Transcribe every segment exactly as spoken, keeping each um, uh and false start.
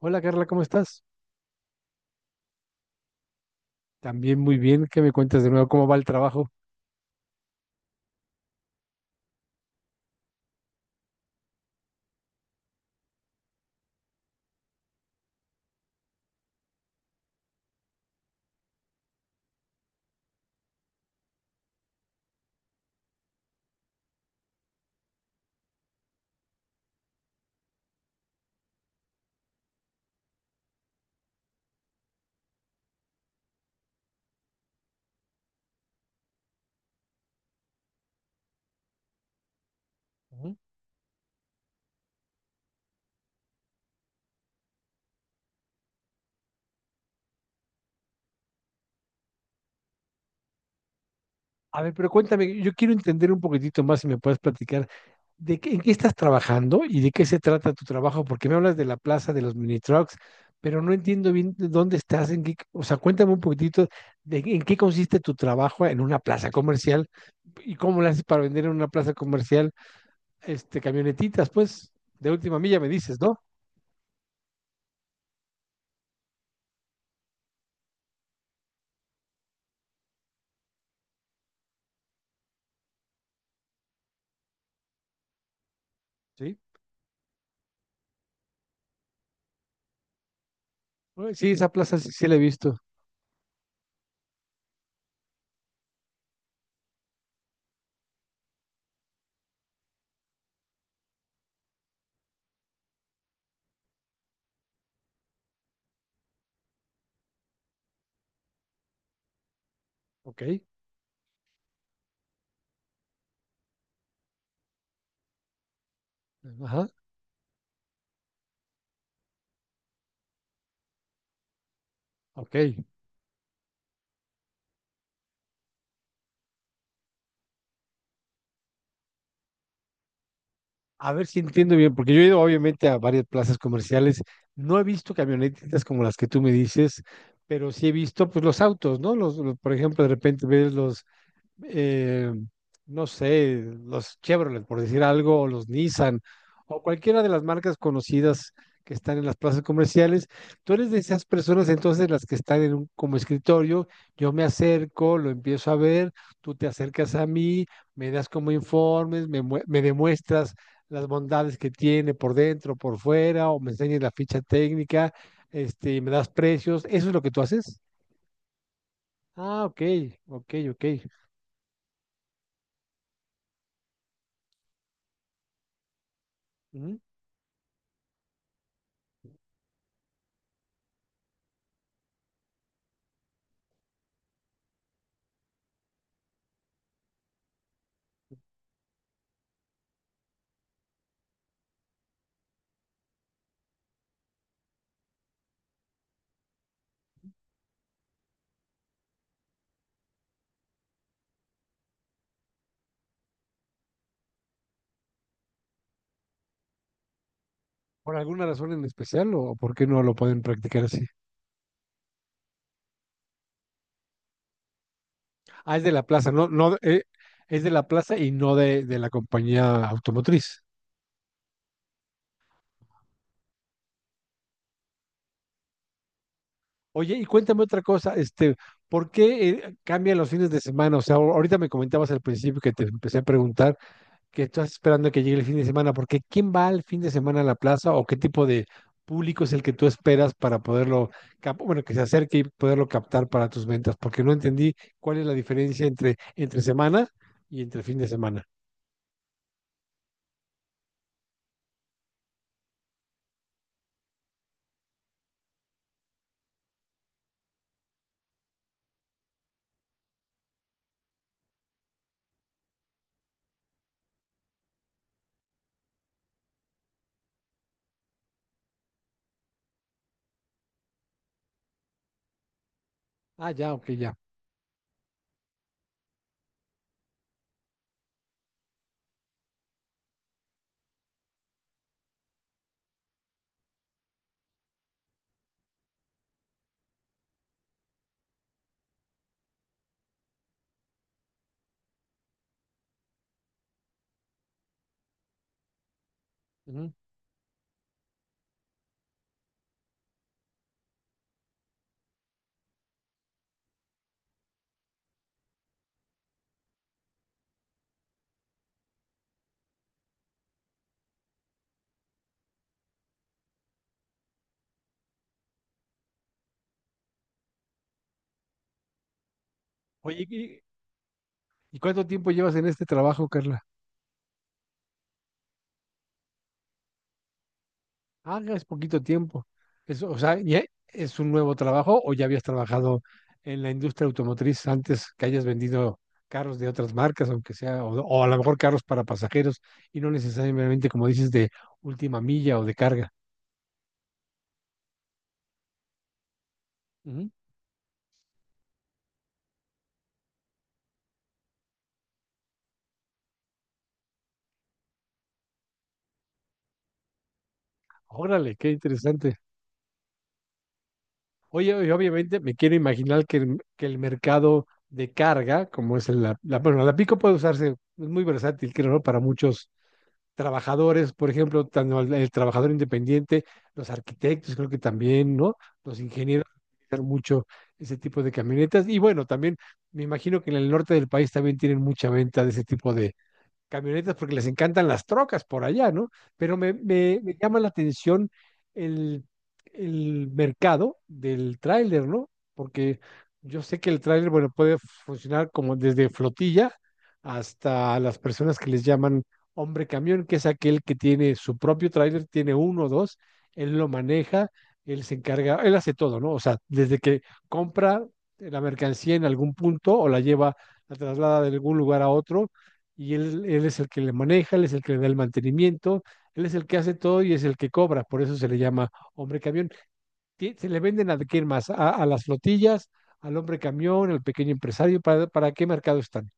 Hola Carla, ¿cómo estás? También muy bien, ¿qué me cuentas de nuevo? ¿Cómo va el trabajo? Ujú. A ver, pero cuéntame, yo quiero entender un poquitito más si me puedes platicar de qué, en qué estás trabajando y de qué se trata tu trabajo, porque me hablas de la plaza de los mini trucks, pero no entiendo bien de dónde estás, en qué, o sea, cuéntame un poquitito de en qué consiste tu trabajo en una plaza comercial y cómo lo haces para vender en una plaza comercial, este, camionetitas, pues, de última milla me dices, ¿no? Sí. Uy, sí, esa plaza sí, sí la he visto. Ok. Ajá. Ok. A ver si entiendo bien, porque yo he ido obviamente a varias plazas comerciales. No he visto camionetitas como las que tú me dices, pero sí he visto pues los autos, ¿no? Los, los- por ejemplo, de repente ves los eh, no sé, los Chevrolet, por decir algo, o los Nissan, o cualquiera de las marcas conocidas que están en las plazas comerciales. Tú eres de esas personas entonces, las que están en un, como escritorio, yo me acerco, lo empiezo a ver, tú te acercas a mí, me das como informes, me, mue- me demuestras las bondades que tiene por dentro, por fuera, o me enseñas la ficha técnica, este, y me das precios. ¿Eso es lo que tú haces? Ah, ok, ok, ok. ¿Por alguna razón en especial o por qué no lo pueden practicar así? Ah, es de la plaza, no, no, eh, es de la plaza y no de, de la compañía automotriz. Oye, y cuéntame otra cosa. Este, ¿por qué eh, cambian los fines de semana? O sea, ahor- ahorita me comentabas al principio, que te empecé a preguntar, que estás esperando que llegue el fin de semana, porque ¿quién va al fin de semana a la plaza o qué tipo de público es el que tú esperas para poderlo, cap- bueno, que se acerque y poderlo captar para tus ventas? Porque no entendí cuál es la diferencia entre entre semana y entre fin de semana. Ah, ya, ok, ya. Ujú. Oye, ¿y, y cuánto tiempo llevas en este trabajo, Carla? Ah, ya es poquito tiempo. Es, o sea, ¿ya es un nuevo trabajo o ya habías trabajado en la industria automotriz antes, que hayas vendido carros de otras marcas, aunque sea, o, o a lo mejor carros para pasajeros y no necesariamente, como dices, de última milla o de carga? Ujú. Órale, qué interesante. Oye, y obviamente me quiero imaginar que el, que el mercado de carga, como es el- la, la, bueno, la pico puede usarse, es muy versátil, creo, ¿no? Para muchos trabajadores, por ejemplo, tanto el, el trabajador independiente, los arquitectos, creo que también, ¿no? Los ingenieros utilizan mucho ese tipo de camionetas. Y bueno, también me imagino que en el norte del país también tienen mucha venta de ese tipo de camionetas, porque les encantan las trocas por allá, ¿no? Pero me, me- me llama la atención el, el mercado del tráiler, ¿no? Porque yo sé que el tráiler, bueno, puede funcionar como desde flotilla hasta las personas que les llaman hombre camión, que es aquel que tiene su propio tráiler, tiene uno o dos, él lo maneja, él se encarga, él hace todo, ¿no? O sea, desde que compra la mercancía en algún punto o la lleva, la traslada de algún lugar a otro y él, él es el que le maneja, él es el que le da el mantenimiento, él es el que hace todo y es el que cobra. Por eso se le llama hombre camión. Ti- Se le venden a quién más, a, a las flotillas, al hombre camión, al pequeño empresario, ¿para, para qué mercado están?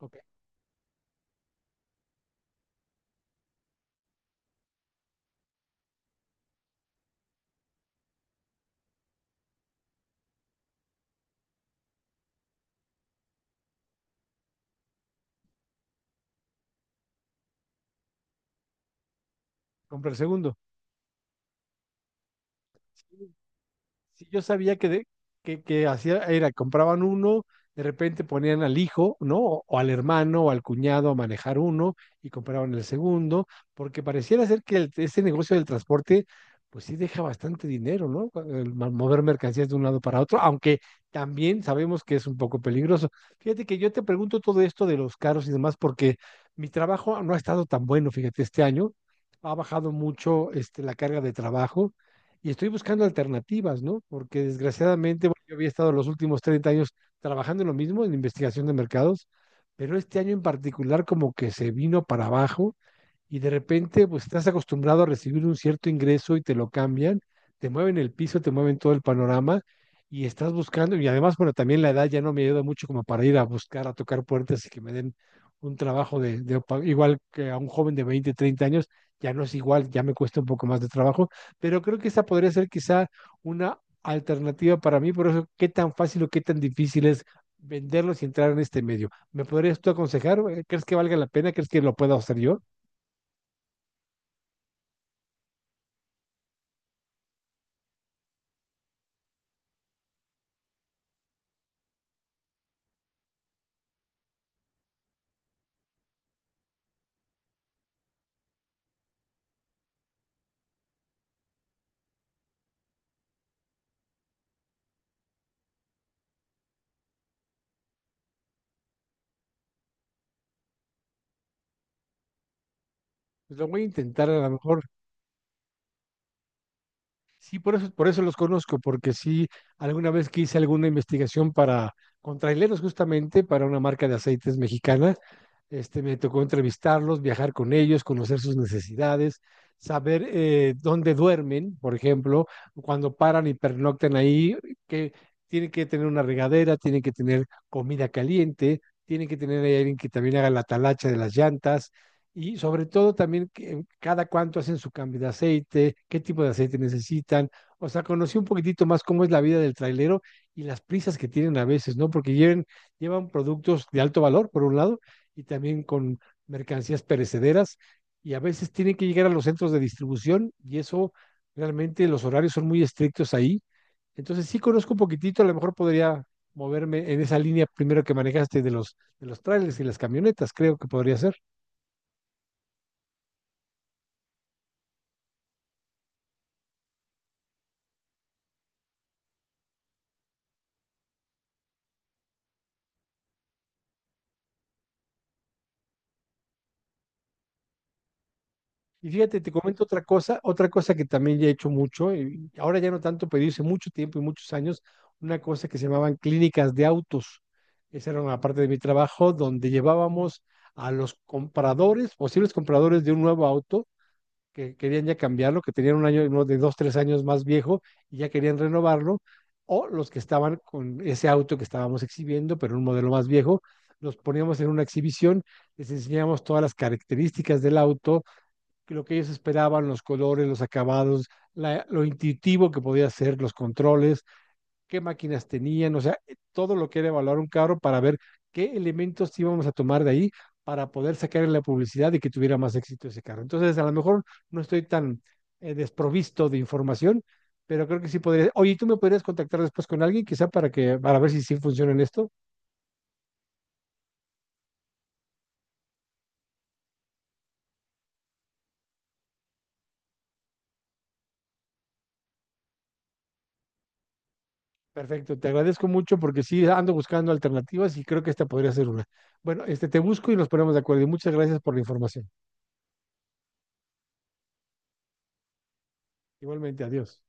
Ok, compra el segundo. Sí, yo sabía que, de- que, que hacía, era, compraban uno, de repente ponían al hijo, ¿no? O, o al hermano o al cuñado a manejar uno, y compraban el segundo, porque pareciera ser que el- ese negocio del transporte, pues sí deja bastante dinero, ¿no? El ma- mover mercancías de un lado para otro, aunque también sabemos que es un poco peligroso. Fíjate que yo te pregunto todo esto de los carros y demás, porque mi trabajo no ha estado tan bueno, fíjate, este año. Ha bajado mucho este, la carga de trabajo y estoy buscando alternativas, ¿no? Porque desgraciadamente, bueno, yo había estado los últimos treinta años trabajando en lo mismo, en investigación de mercados, pero este año en particular como que se vino para abajo, y de repente pues estás acostumbrado a recibir un cierto ingreso y te lo cambian, te mueven el piso, te mueven todo el panorama y estás buscando. Y además, bueno, también la edad ya no me ayuda mucho como para ir a buscar, a tocar puertas y que me den un trabajo de, de pa- igual que a un joven de veinte treinta años, ya no es igual, ya me cuesta un poco más de trabajo, pero creo que esa podría ser quizá una alternativa para mí. Por eso, qué tan fácil o qué tan difícil es venderlos y entrar en este medio. ¿Me podrías tú aconsejar? ¿Crees que valga la pena? ¿Crees que lo pueda hacer yo? Pues lo voy a intentar a lo mejor. Sí, por eso, por eso los conozco, porque sí, alguna vez que hice alguna investigación para con traileros, justamente para una marca de aceites mexicana, este, me tocó entrevistarlos, viajar con ellos, conocer sus necesidades, saber eh, dónde duermen, por ejemplo, cuando paran y pernoctan ahí, que tienen que tener una regadera, tienen que tener comida caliente, tienen que tener ahí alguien que también haga la talacha de las llantas, y sobre todo también que- eh, cada cuánto hacen su cambio de aceite, qué tipo de aceite necesitan. O sea, conocí un poquitito más cómo es la vida del trailero y las prisas que tienen a veces, ¿no? Porque lleven- llevan productos de alto valor, por un lado, y también con mercancías perecederas, y a veces tienen que llegar a los centros de distribución y eso, realmente los horarios son muy estrictos ahí. Entonces sí conozco un poquitito. A lo mejor podría moverme en esa línea primero que manejaste, de los de los trailers y las camionetas. Creo que podría ser. Y fíjate, te comento otra cosa, otra cosa que también ya he hecho mucho, y ahora ya no tanto, pero hice mucho tiempo y muchos años, una cosa que se llamaban clínicas de autos. Esa era una parte de mi trabajo donde llevábamos a los compradores, posibles compradores de un nuevo auto, que querían ya cambiarlo, que tenían un año, uno de dos, tres años más viejo y ya querían renovarlo, o los que estaban con ese auto que estábamos exhibiendo, pero un modelo más viejo, los poníamos en una exhibición, les enseñábamos todas las características del auto, que lo que ellos esperaban, los colores, los acabados, la- lo intuitivo que podía ser, los controles, qué máquinas tenían, o sea, eh, todo lo que era evaluar un carro para ver qué elementos íbamos a tomar de ahí para poder sacar en la publicidad y que tuviera más éxito ese carro. Entonces, a lo mejor no estoy tan eh, desprovisto de información, pero creo que sí podría. Oye, ¿tú me podrías contactar después con alguien, quizá para que, para ver si sí funciona en esto? Perfecto, te agradezco mucho porque sí ando buscando alternativas y creo que esta podría ser una. Bueno, este te busco y nos ponemos de acuerdo. Y muchas gracias por la información. Igualmente, adiós.